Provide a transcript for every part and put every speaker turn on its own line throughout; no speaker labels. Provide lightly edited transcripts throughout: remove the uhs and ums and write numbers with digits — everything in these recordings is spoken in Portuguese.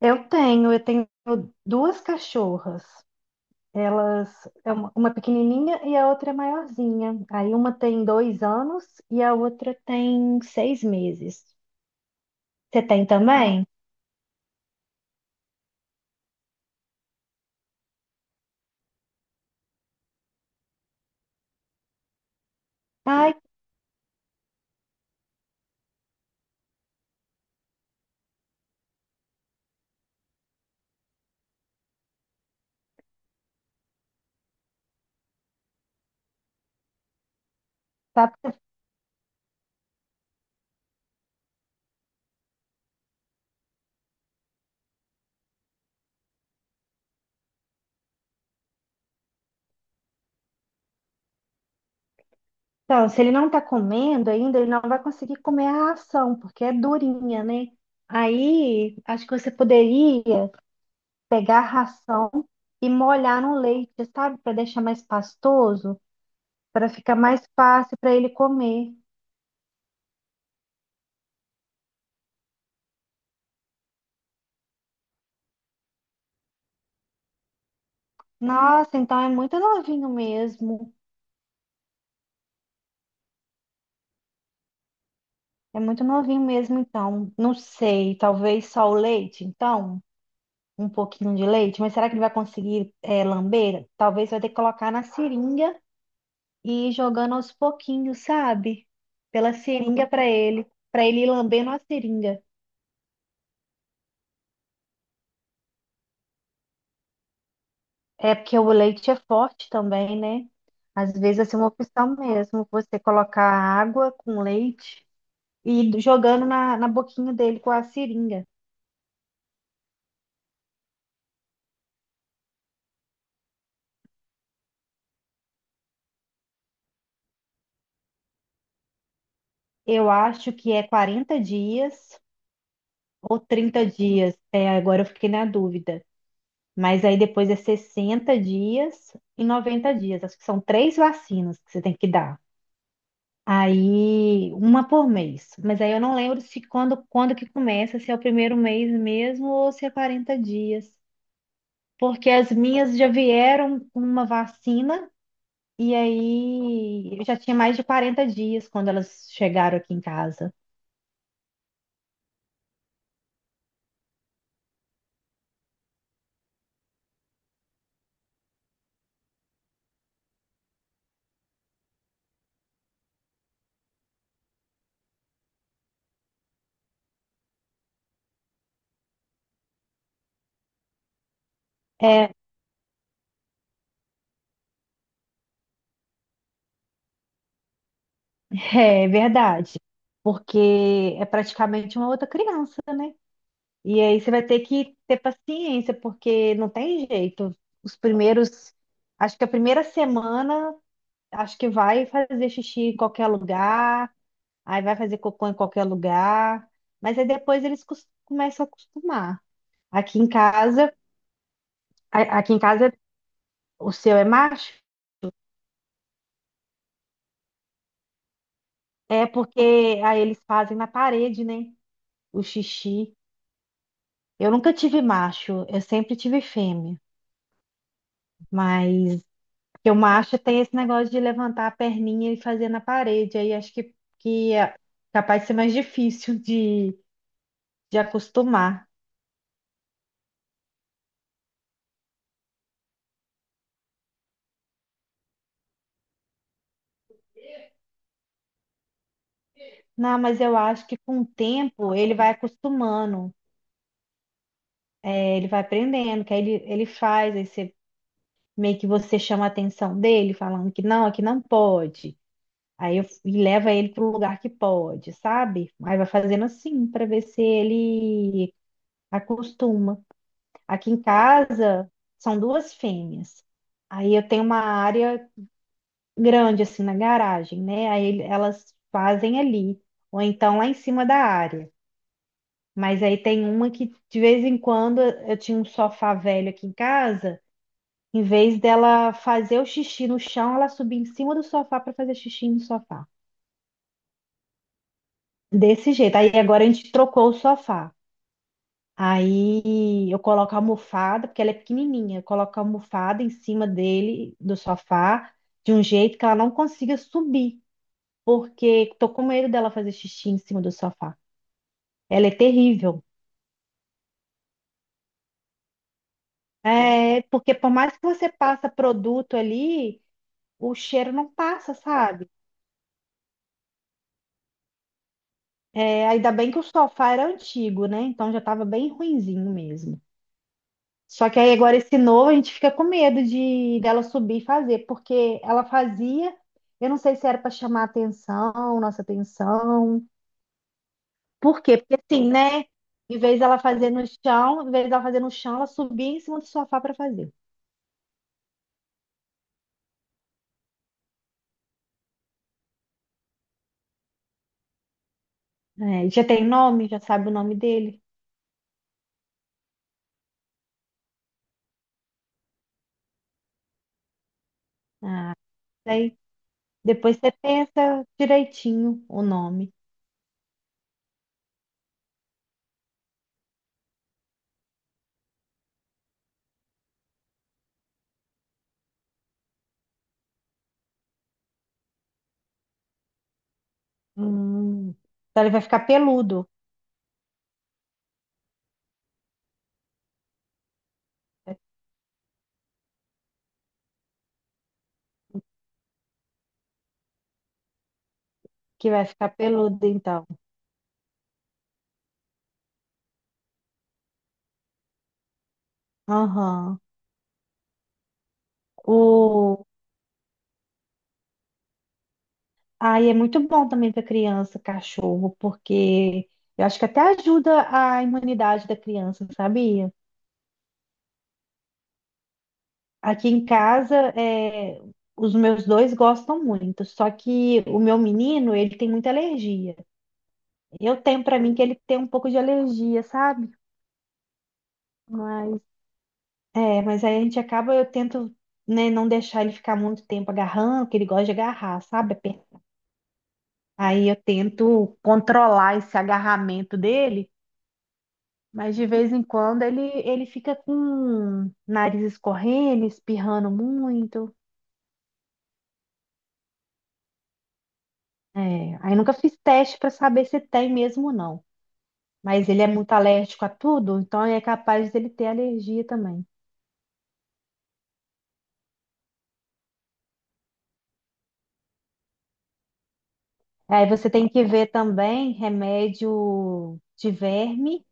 Eu tenho duas cachorras. Elas, é uma pequenininha e a outra é maiorzinha. Aí uma tem 2 anos e a outra tem 6 meses. Você tem também? Ai, tá. Então, se ele não tá comendo ainda, ele não vai conseguir comer a ração, porque é durinha, né? Aí, acho que você poderia pegar a ração e molhar no leite, sabe? Para deixar mais pastoso, para ficar mais fácil para ele comer. Nossa, então é muito novinho mesmo. É muito novinho mesmo, então. Não sei, talvez só o leite, então. Um pouquinho de leite, mas será que ele vai conseguir é, lamber? Talvez vai ter que colocar na seringa e ir jogando aos pouquinhos, sabe? Pela seringa para ele ir lambendo a seringa. É porque o leite é forte também, né? Às vezes assim, é uma opção mesmo, você colocar água com leite e ir jogando na, na boquinha dele com a seringa. Eu acho que é 40 dias ou 30 dias. É, agora eu fiquei na dúvida. Mas aí depois é 60 dias e 90 dias. Acho que são três vacinas que você tem que dar. Aí, uma por mês. Mas aí eu não lembro se quando que começa, se é o primeiro mês mesmo ou se é 40 dias. Porque as minhas já vieram com uma vacina e aí eu já tinha mais de 40 dias quando elas chegaram aqui em casa. É, é verdade, porque é praticamente uma outra criança, né? E aí você vai ter que ter paciência, porque não tem jeito. Os primeiros, acho que a primeira semana, acho que vai fazer xixi em qualquer lugar, aí vai fazer cocô em qualquer lugar, mas aí depois eles começam a acostumar. Aqui em casa, aqui em casa o seu é macho, é porque aí eles fazem na parede, né? O xixi. Eu nunca tive macho, eu sempre tive fêmea, mas porque o macho tem esse negócio de levantar a perninha e fazer na parede, aí acho que é capaz de ser mais difícil de acostumar. Não, mas eu acho que com o tempo ele vai acostumando, é, ele vai aprendendo, que aí ele faz, aí você, meio que você chama a atenção dele, falando que não, aqui não pode. Aí eu, e leva ele para o lugar que pode, sabe? Aí vai fazendo assim para ver se ele acostuma. Aqui em casa são duas fêmeas. Aí eu tenho uma área grande assim na garagem, né? Aí elas fazem ali, ou então lá em cima da área. Mas aí tem uma que de vez em quando eu tinha um sofá velho aqui em casa, em vez dela fazer o xixi no chão, ela subia em cima do sofá para fazer xixi no sofá. Desse jeito. Aí agora a gente trocou o sofá. Aí eu coloco a almofada, porque ela é pequenininha, eu coloco a almofada em cima dele, do sofá, de um jeito que ela não consiga subir, porque tô com medo dela fazer xixi em cima do sofá. Ela é terrível. É, porque por mais que você passa produto ali, o cheiro não passa, sabe? É, ainda bem que o sofá era antigo, né? Então já estava bem ruinzinho mesmo. Só que aí agora esse novo a gente fica com medo de dela subir e fazer, porque ela fazia, eu não sei se era para chamar atenção, nossa atenção. Por quê? Porque assim, né? Em vez dela fazer no chão, em vez dela fazer no chão, ela subia em cima do sofá para fazer. É, já tem nome, já sabe o nome dele. Aí depois você pensa direitinho o nome. Hum, Então ele vai ficar peludo, que vai ficar peludo então. Aham. Ah, e é muito bom também para criança, cachorro, porque eu acho que até ajuda a imunidade da criança, sabia? Aqui em casa, é, os meus dois gostam muito, só que o meu menino, ele tem muita alergia. Eu tenho para mim que ele tem um pouco de alergia, sabe? Mas, é, mas aí a gente acaba, eu tento, né, não deixar ele ficar muito tempo agarrando, que ele gosta de agarrar, sabe? Aí eu tento controlar esse agarramento dele. Mas de vez em quando ele fica com o nariz escorrendo, espirrando muito. É, aí nunca fiz teste para saber se tem mesmo ou não. Mas ele é muito alérgico a tudo, então é capaz dele ter alergia também. Aí você tem que ver também remédio de verme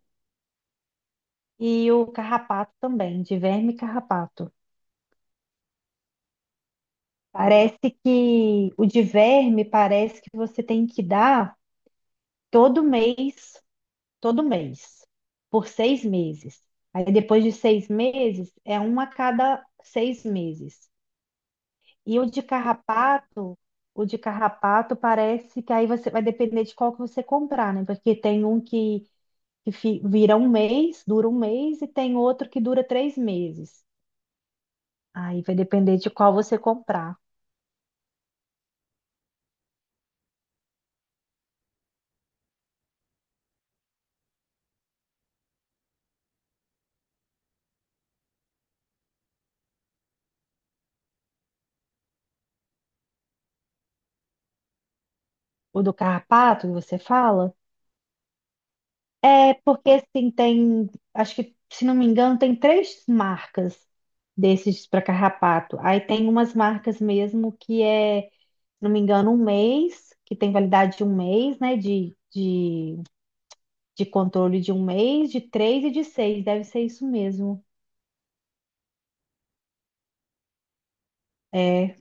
e o carrapato também, de verme e carrapato. Parece que o de verme parece que você tem que dar todo mês todo mês, por 6 meses. Aí depois de 6 meses, é um a cada 6 meses. E o de carrapato parece que aí você vai depender de qual que você comprar, né? Porque tem um que vira um mês, dura um mês, e tem outro que dura 3 meses. Aí vai depender de qual você comprar. O do carrapato, que você fala? É porque assim tem, acho que se não me engano, tem três marcas desses para carrapato. Aí tem umas marcas mesmo que é, se não me engano, um mês, que tem validade de um mês, né? De, de controle de um mês, de três e de seis. Deve ser isso mesmo. É,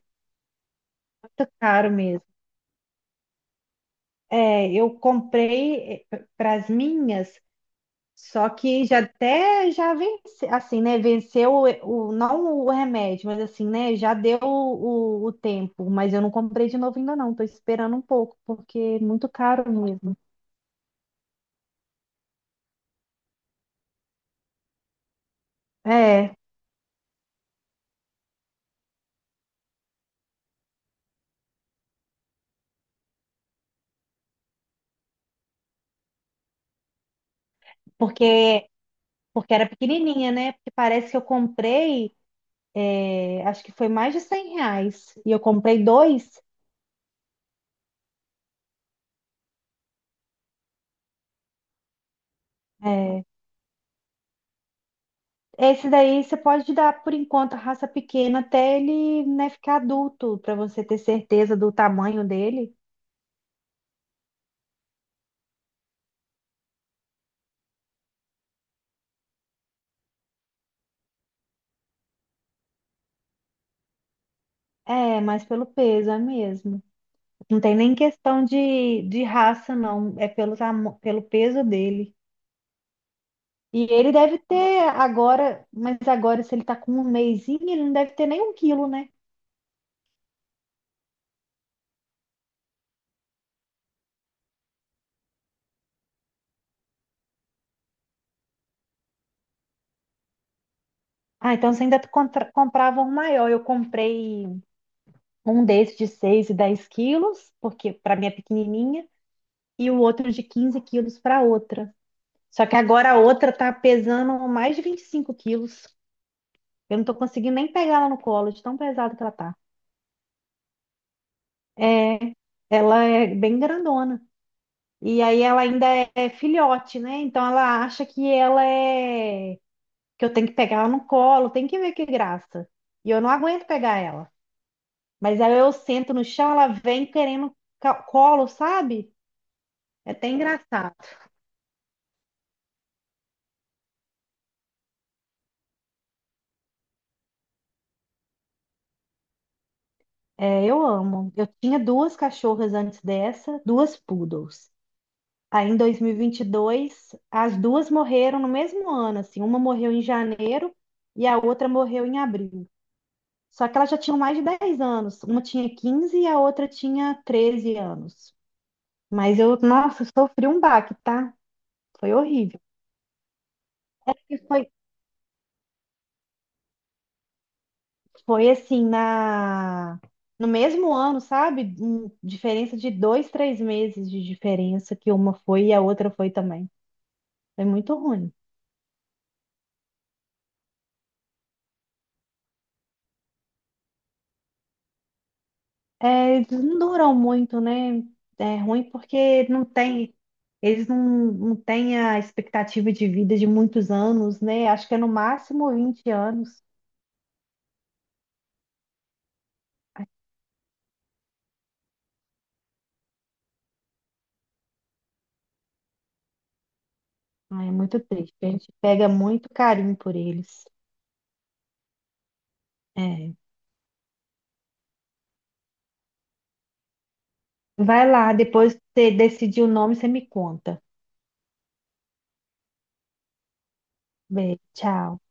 muito caro mesmo. É, eu comprei para as minhas. Só que já até já vence, assim, né? Venceu não o remédio, mas assim, né? Já deu o, o tempo, mas eu não comprei de novo ainda não. Tô esperando um pouco, porque é muito caro mesmo. É, porque porque era pequenininha, né? Porque parece que eu comprei, é, acho que foi mais de R$ 100 e eu comprei dois. É, esse daí você pode dar por enquanto a raça pequena até ele, né, ficar adulto, para você ter certeza do tamanho dele. É, mas pelo peso, é mesmo. Não tem nem questão de raça, não. É pelo, pelo peso dele. E ele deve ter agora, mas agora, se ele tá com um mesinho, ele não deve ter nem um quilo, né? Ah, então você ainda comprava um maior. Eu comprei um desse de 6 e 10 quilos, porque para minha pequenininha, e o outro de 15 quilos para outra. Só que agora a outra tá pesando mais de 25 quilos. Eu não tô conseguindo nem pegar ela no colo, de tão pesado que ela tá. É, ela é bem grandona. E aí ela ainda é filhote, né? Então ela acha que ela é que eu tenho que pegar ela no colo, tem que ver que graça. E eu não aguento pegar ela. Mas aí eu sento no chão, ela vem querendo colo, sabe? É até engraçado. É, eu amo. Eu tinha duas cachorras antes dessa, duas poodles. Aí em 2022, as duas morreram no mesmo ano, assim, uma morreu em janeiro e a outra morreu em abril. Só que elas já tinham mais de 10 anos. Uma tinha 15 e a outra tinha 13 anos. Mas eu, nossa, sofri um baque, tá? Foi horrível. E foi assim, na, no mesmo ano, sabe? Diferença de dois, três meses de diferença que uma foi e a outra foi também. Foi muito ruim. É, eles não duram muito, né? É ruim porque não tem, eles não, não têm a expectativa de vida de muitos anos, né? Acho que é no máximo 20 anos. Ai, é muito triste. A gente pega muito carinho por eles. É. Vai lá, depois que você decidir o nome, você me conta. Beijo, tchau.